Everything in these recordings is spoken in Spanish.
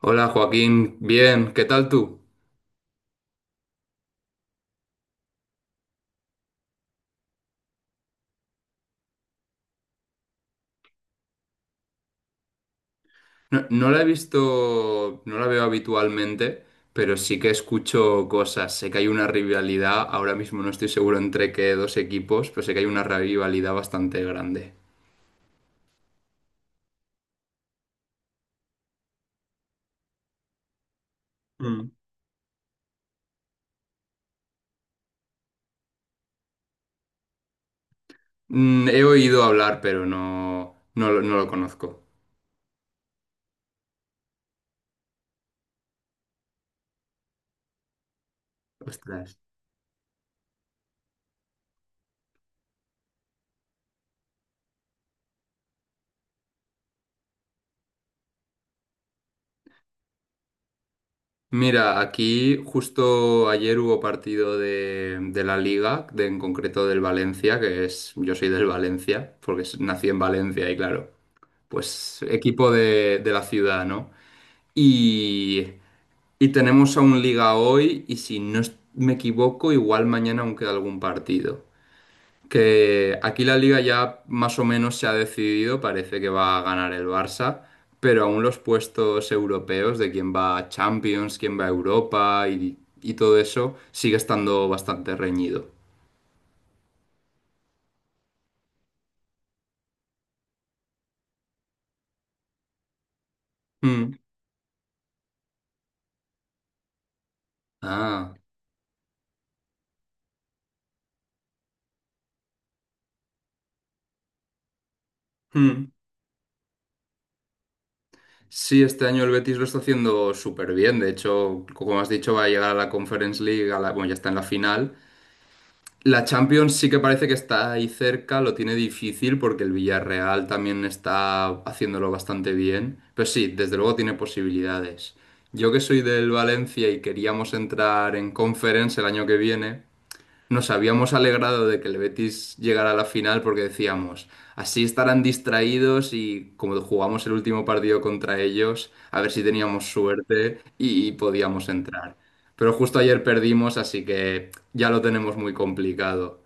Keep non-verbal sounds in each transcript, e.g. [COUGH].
Hola Joaquín, bien, ¿qué tal tú? No, no la he visto, no la veo habitualmente, pero sí que escucho cosas. Sé que hay una rivalidad, ahora mismo no estoy seguro entre qué dos equipos, pero sé que hay una rivalidad bastante grande. Mm. He oído hablar, pero no, no, lo no lo conozco. Ostras. Mira, aquí justo ayer hubo partido de la Liga, en concreto del Valencia, yo soy del Valencia, porque nací en Valencia y claro. Pues equipo de la ciudad, ¿no? Y, y tenemos aún liga hoy y si no me equivoco, igual mañana aún queda algún partido. Que aquí la liga ya más o menos se ha decidido, parece que va a ganar el Barça, pero aún los puestos europeos de quién va a Champions, quién va a Europa y todo eso sigue estando bastante reñido. Mm. Ah. Mm. Sí, este año el Betis lo está haciendo súper bien. De hecho, como has dicho, va a llegar a la Conference League, bueno, ya está en la final. La Champions sí que parece que está ahí cerca, lo tiene difícil porque el Villarreal también está haciéndolo bastante bien. Pero sí, desde luego tiene posibilidades. Yo que soy del Valencia y queríamos entrar en Conference el año que viene, nos habíamos alegrado de que el Betis llegara a la final porque decíamos, así estarán distraídos y como jugamos el último partido contra ellos, a ver si teníamos suerte y podíamos entrar. Pero justo ayer perdimos, así que ya lo tenemos muy complicado.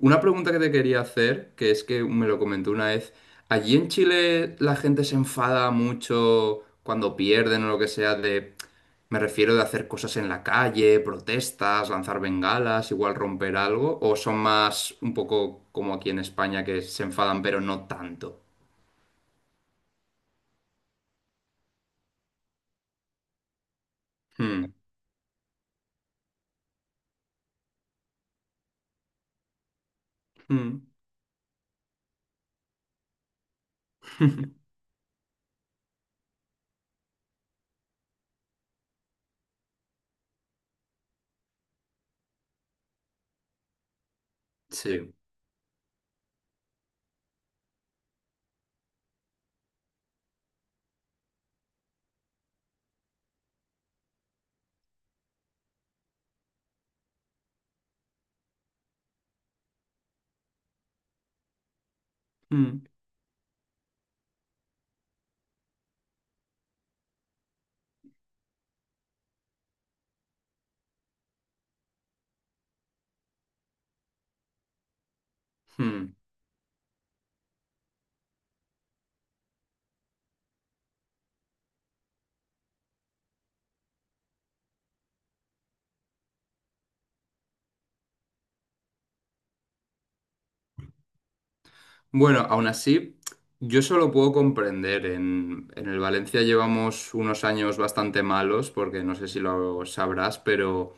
Una pregunta que te quería hacer, que es que me lo comentó una vez, ¿allí en Chile la gente se enfada mucho cuando pierden o lo que sea de? Me refiero de hacer cosas en la calle, protestas, lanzar bengalas, igual romper algo, o son más un poco como aquí en España que se enfadan, pero no tanto. Hmm, hmm, [LAUGHS] Sí. hmm, hmm. Bueno, aún así, yo eso lo puedo comprender. En el Valencia llevamos unos años bastante malos, porque no sé si lo sabrás, pero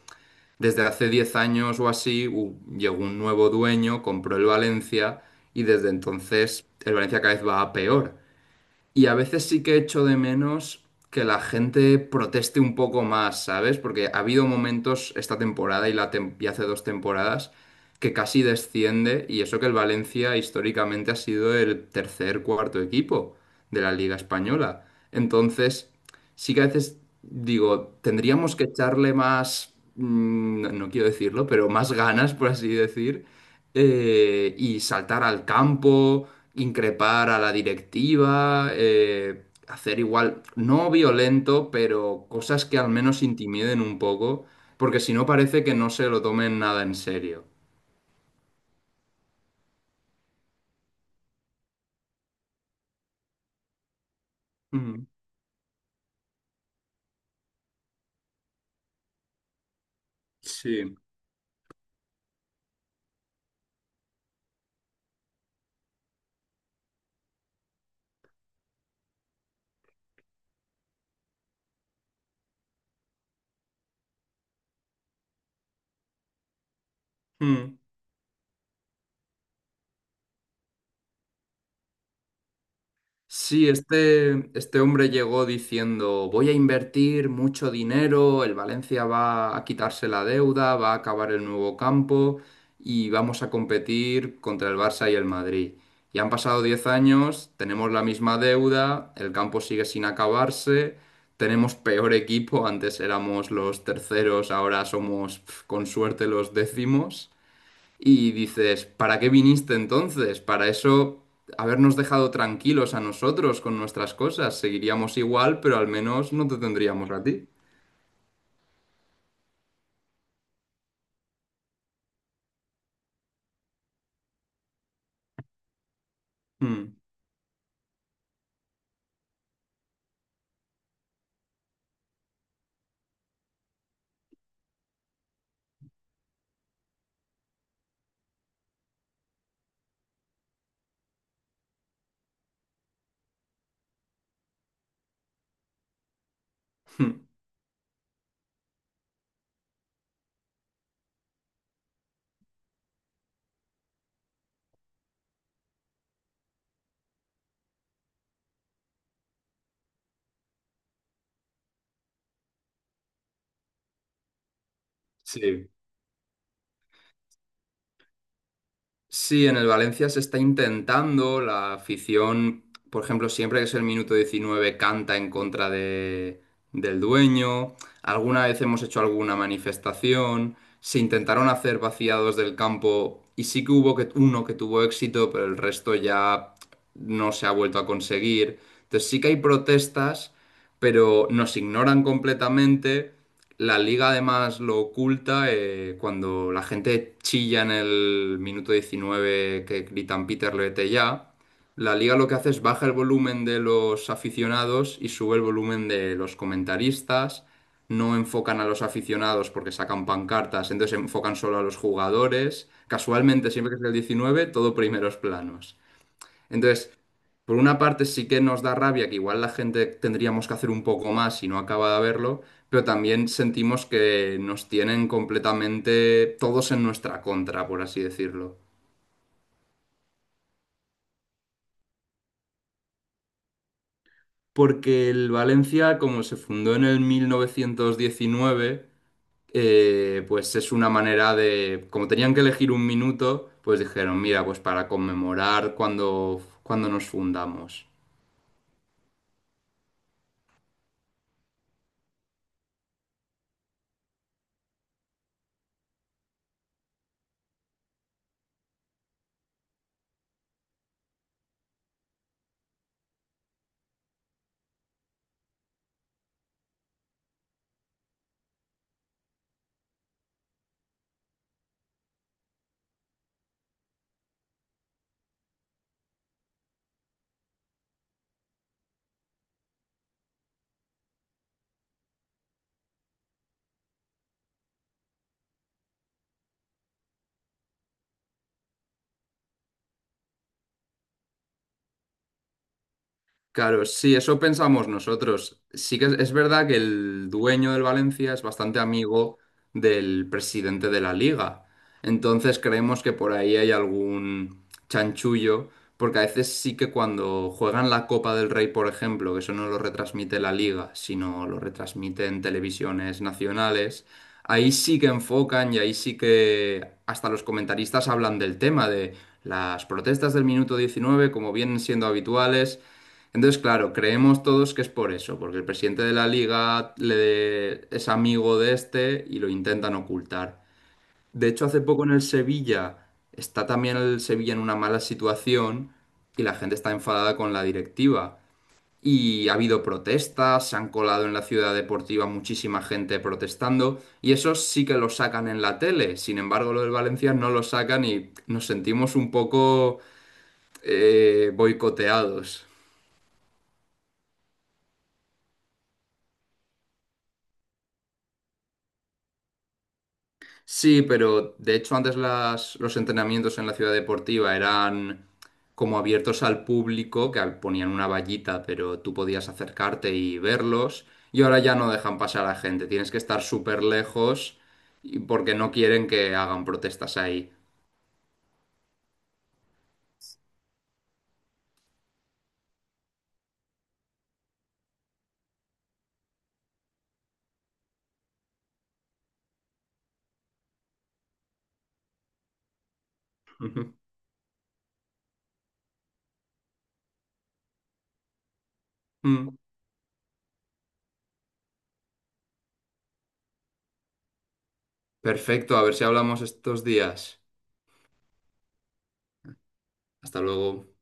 desde hace 10 años o así llegó un nuevo dueño, compró el Valencia y desde entonces el Valencia cada vez va a peor. Y a veces sí que echo de menos que la gente proteste un poco más, ¿sabes? Porque ha habido momentos esta temporada y hace 2 temporadas que casi desciende, y eso que el Valencia históricamente ha sido el tercer, cuarto equipo de la Liga Española. Entonces, sí que a veces digo, tendríamos que echarle más, no, no quiero decirlo, pero más ganas, por así decir, y saltar al campo, increpar a la directiva, hacer igual, no violento, pero cosas que al menos intimiden un poco, porque si no parece que no se lo tomen nada en serio. Mm, sí. Mm. Sí, este hombre llegó diciendo, voy a invertir mucho dinero, el Valencia va a quitarse la deuda, va a acabar el nuevo campo y vamos a competir contra el Barça y el Madrid. Y han pasado 10 años, tenemos la misma deuda, el campo sigue sin acabarse, tenemos peor equipo, antes éramos los terceros, ahora somos, con suerte, los décimos. Y dices, ¿para qué viniste entonces? Para eso, habernos dejado tranquilos a nosotros con nuestras cosas. Seguiríamos igual, pero al menos no te tendríamos a ti. Mm. [LAUGHS] Sí. Sí, en el Valencia se está intentando, la afición, por ejemplo, siempre que es el minuto 19 canta en contra del dueño, alguna vez hemos hecho alguna manifestación, se intentaron hacer vaciados del campo y sí que hubo uno que tuvo éxito, pero el resto ya no se ha vuelto a conseguir. Entonces sí que hay protestas, pero nos ignoran completamente. La liga además lo oculta, cuando la gente chilla en el minuto 19 que gritan Peter Lete ya. La liga lo que hace es baja el volumen de los aficionados y sube el volumen de los comentaristas. No enfocan a los aficionados porque sacan pancartas, entonces enfocan solo a los jugadores. Casualmente, siempre que es el 19, todo primeros planos. Entonces, por una parte sí que nos da rabia que igual la gente tendríamos que hacer un poco más y no acaba de verlo, pero también sentimos que nos tienen completamente todos en nuestra contra, por así decirlo. Porque el Valencia, como se fundó en el 1919, pues es una manera de, como tenían que elegir un minuto, pues dijeron, mira, pues para conmemorar cuando nos fundamos. Claro, sí, eso pensamos nosotros. Sí que es verdad que el dueño del Valencia es bastante amigo del presidente de la liga. Entonces creemos que por ahí hay algún chanchullo, porque a veces sí que cuando juegan la Copa del Rey, por ejemplo, que eso no lo retransmite la liga, sino lo retransmite en televisiones nacionales, ahí sí que enfocan y ahí sí que hasta los comentaristas hablan del tema de las protestas del minuto 19, como vienen siendo habituales. Entonces, claro, creemos todos que es por eso, porque el presidente de la liga es amigo de este y lo intentan ocultar. De hecho, hace poco en el Sevilla está también el Sevilla en una mala situación y la gente está enfadada con la directiva. Y ha habido protestas, se han colado en la ciudad deportiva muchísima gente protestando y eso sí que lo sacan en la tele. Sin embargo, lo del Valencia no lo sacan y nos sentimos un poco, boicoteados. Sí, pero de hecho antes los entrenamientos en la ciudad deportiva eran como abiertos al público, que ponían una vallita, pero tú podías acercarte y verlos. Y ahora ya no dejan pasar a gente, tienes que estar súper lejos porque no quieren que hagan protestas ahí. [LAUGHS] Ujú. Mm. Perfecto, a ver si hablamos estos días. Hasta luego.